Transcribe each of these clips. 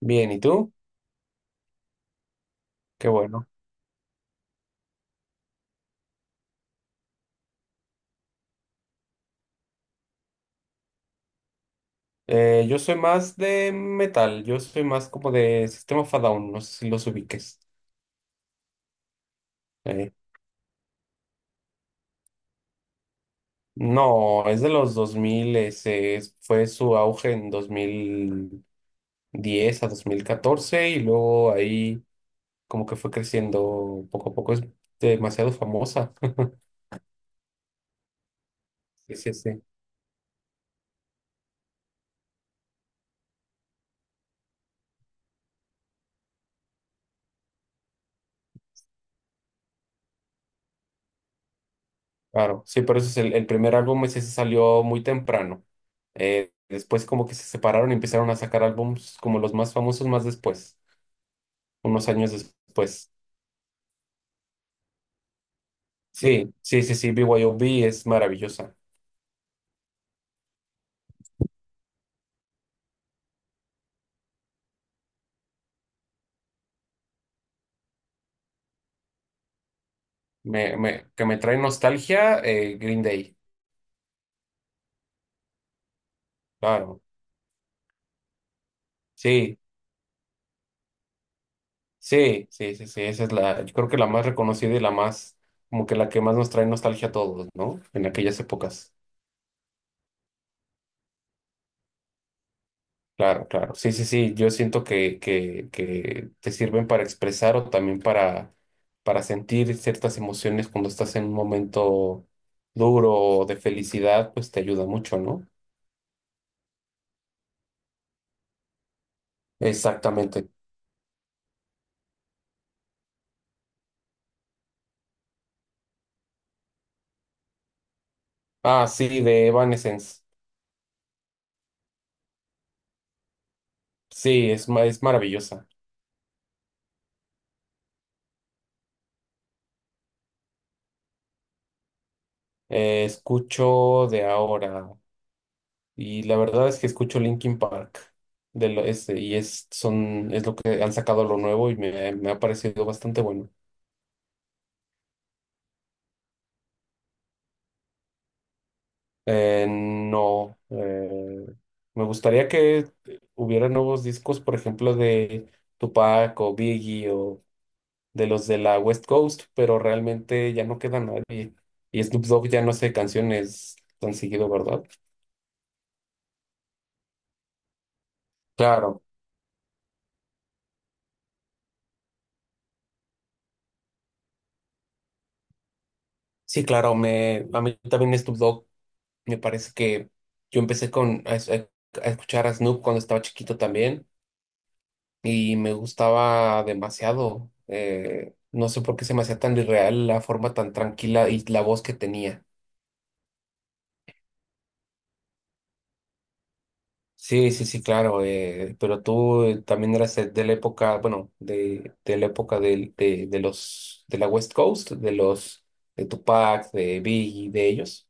Bien, ¿y tú? Qué bueno. Yo soy más de metal, yo soy más como de Sistema of a Down, no sé si los ubiques. Eh, no, es de los dos mil, fue su auge en dos mil diez a 2014 y luego ahí como que fue creciendo poco a poco, es demasiado famosa. Sí, sí, sí. Claro. Sí, pero eso es el primer álbum, ese se salió muy temprano. Después como que se separaron y empezaron a sacar álbumes como los más famosos más después. Unos años después. Sí, sí, sí, sí, B Y O B es maravillosa. Que me trae nostalgia, Green Day, claro. Sí, sí, sí, sí, sí, esa es yo creo que la más reconocida y la más, como que la que más nos trae nostalgia a todos, ¿no? En aquellas épocas. Claro, claro. Sí, sí, sí, yo siento que te sirven para expresar o también para sentir ciertas emociones cuando estás en un momento duro o de felicidad, pues te ayuda mucho, ¿no? Exactamente. Ah, sí, de Evanescence. Sí, es, es maravillosa. Escucho de ahora y la verdad es que escucho Linkin Park de lo, este, y es, son, es lo que han sacado, lo nuevo, y me ha parecido bastante bueno. No, me gustaría que hubiera nuevos discos, por ejemplo, de Tupac o Biggie o de los de la West Coast, pero realmente ya no queda nadie. Y Snoop Dogg ya no hace canciones tan seguido, ¿verdad? Claro. Sí, claro, a mí también Snoop Dogg, me parece que yo empecé a escuchar a Snoop cuando estaba chiquito también y me gustaba demasiado. No sé por qué se me hacía tan irreal la forma tan tranquila y la voz que tenía. Sí, sí, sí, claro, pero tú también eras de la época, bueno, de la época de la West Coast, de Tupac, de Biggie, de ellos.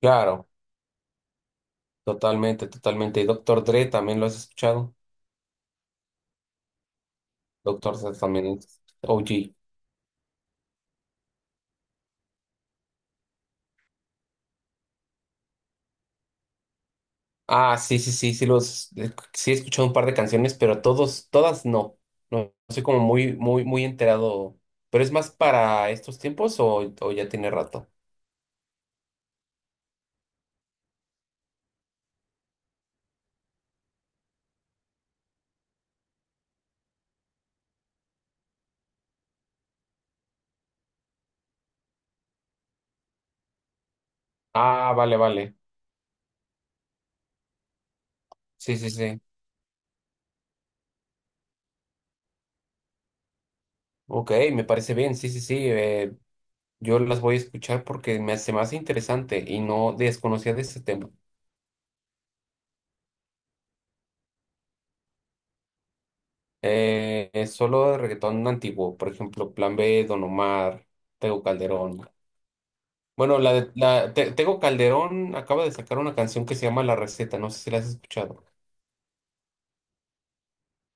Claro, totalmente, totalmente. Y Doctor Dre también lo has escuchado. Doctor Seuss también es OG. Ah, sí, sí, sí, sí, los sí, he escuchado un par de canciones, pero todos, todas no. No, no soy como muy, muy, muy enterado. ¿Pero es más para estos tiempos o ya tiene rato? Ah, vale, vale. Sí, sí, sí. Ok, me parece bien. Sí, sí, sí. Yo las voy a escuchar porque me hace más interesante y no desconocía de ese tema. Es solo de reggaetón antiguo, por ejemplo, Plan B, Don Omar, Tego Calderón. Bueno, la de- la, Te- Tego Calderón acaba de sacar una canción que se llama La Receta, no sé si la has escuchado.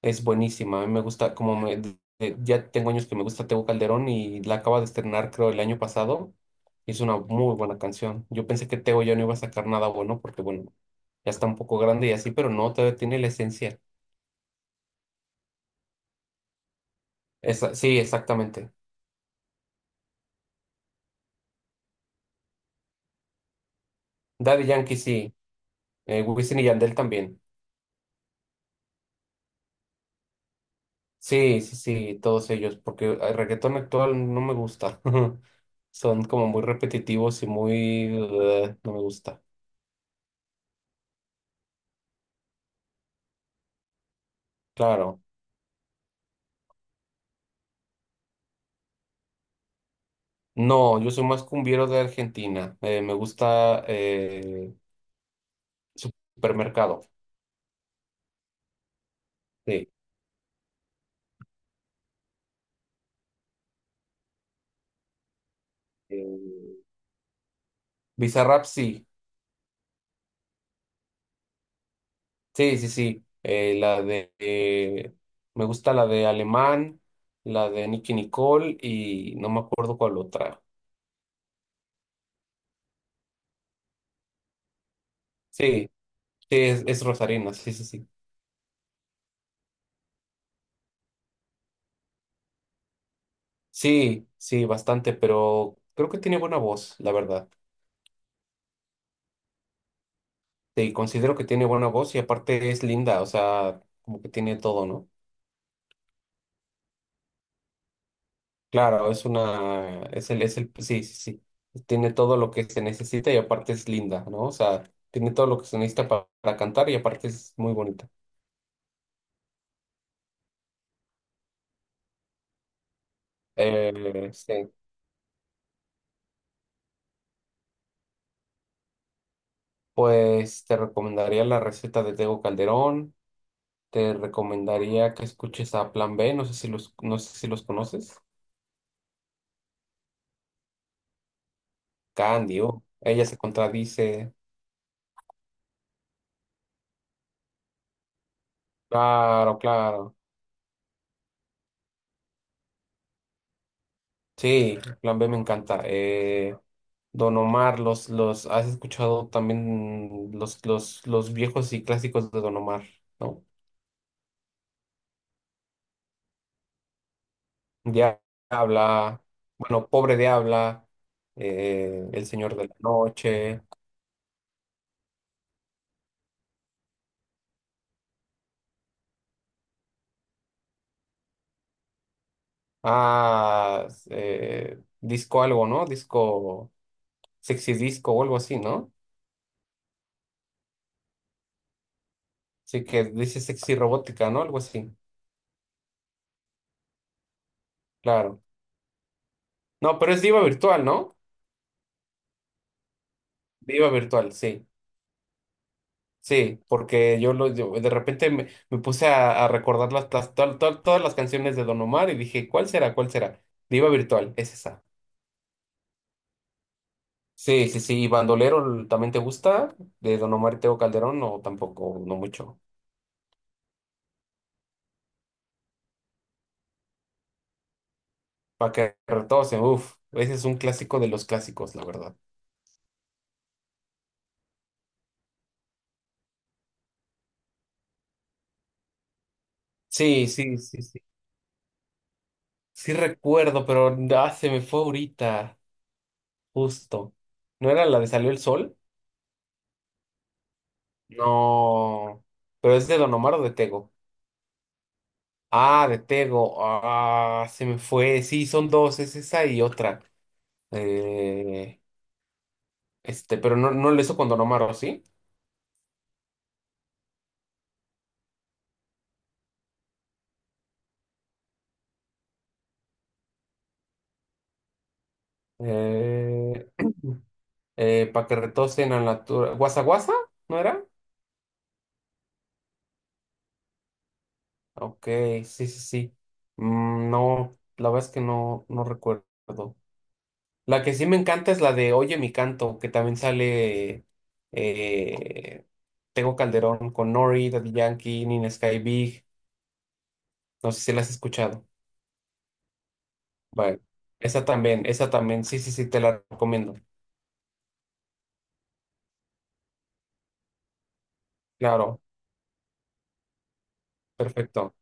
Es buenísima, a mí me gusta, como me, de- ya tengo años que me gusta Tego Calderón y la acaba de estrenar, creo, el año pasado. Es una muy buena canción. Yo pensé que Tego ya no iba a sacar nada bueno porque, bueno, ya está un poco grande y así, pero no, todavía tiene la esencia. Sí, exactamente. Daddy Yankee sí, Wisin y Yandel también. Sí, sí, sí, todos ellos, porque el reggaetón actual no me gusta. Son como muy repetitivos y muy... no me gusta. Claro. No, yo soy más cumbiero de Argentina. Me gusta, supermercado. Sí. Eh, Bizarrap, sí. Sí, sí, sí. Me gusta la de Alemán, la de Nicki Nicole, y no me acuerdo cuál otra. Sí, sí, es rosarina, sí, sí, sí. Sí, sí, bastante, pero creo que tiene buena voz, la verdad. Sí, considero que tiene buena voz y aparte es linda, o sea, como que tiene todo, ¿no? Claro, es una, sí, sí, sí, tiene todo lo que se necesita y aparte es linda, ¿no? O sea, tiene todo lo que se necesita para cantar y aparte es muy bonita. Sí, pues te recomendaría La Receta de Tego Calderón, te recomendaría que escuches a Plan B, no sé si los, no sé si los conoces. Candio, ella se contradice. Claro, claro. Sí, Plan B me encanta. Don Omar, ¿has escuchado también los viejos y clásicos de Don Omar, ¿no? Diabla, bueno, Pobre Diabla, El Señor de la Noche, ah, disco algo, ¿no? Disco, sexy disco o algo así, ¿no? Sí, que dice sexy robótica, ¿no? Algo así, claro. No, pero es Diva Virtual, ¿no? Diva Virtual, sí. Sí, porque yo, yo de repente me puse a recordar todas las canciones de Don Omar y dije, ¿cuál será? ¿Cuál será? Diva Virtual, es esa. Sí, sí, sí. ¿Y Bandolero también te gusta? ¿De Don Omar y Tego Calderón? No, tampoco, no mucho. Pa' que Paquetarrotos, uff, ese es un clásico de los clásicos, la verdad. Sí, sí, sí, sí. Sí recuerdo, pero ah, se me fue ahorita, justo. ¿No era la de Salió el Sol? No. ¿Pero es de Don Omar o de Tego? Ah, de Tego. Ah, se me fue. Sí, son dos, es esa y otra. Eh, pero no, no lo hizo con Don Omar, ¿o ¿sí? Eh, para que retocen a la tura. ¿Guasa Guasa? ¿No era? Ok, sí, sí, sí. Mm, no, la verdad es que no, no recuerdo. La que sí me encanta es la de Oye Mi Canto, que también sale eh, Tego Calderón con Nori, Daddy Yankee, Nina Sky Big. No sé si la has escuchado. Vale. Esa también, sí, sí, sí, te la recomiendo. Claro, perfecto.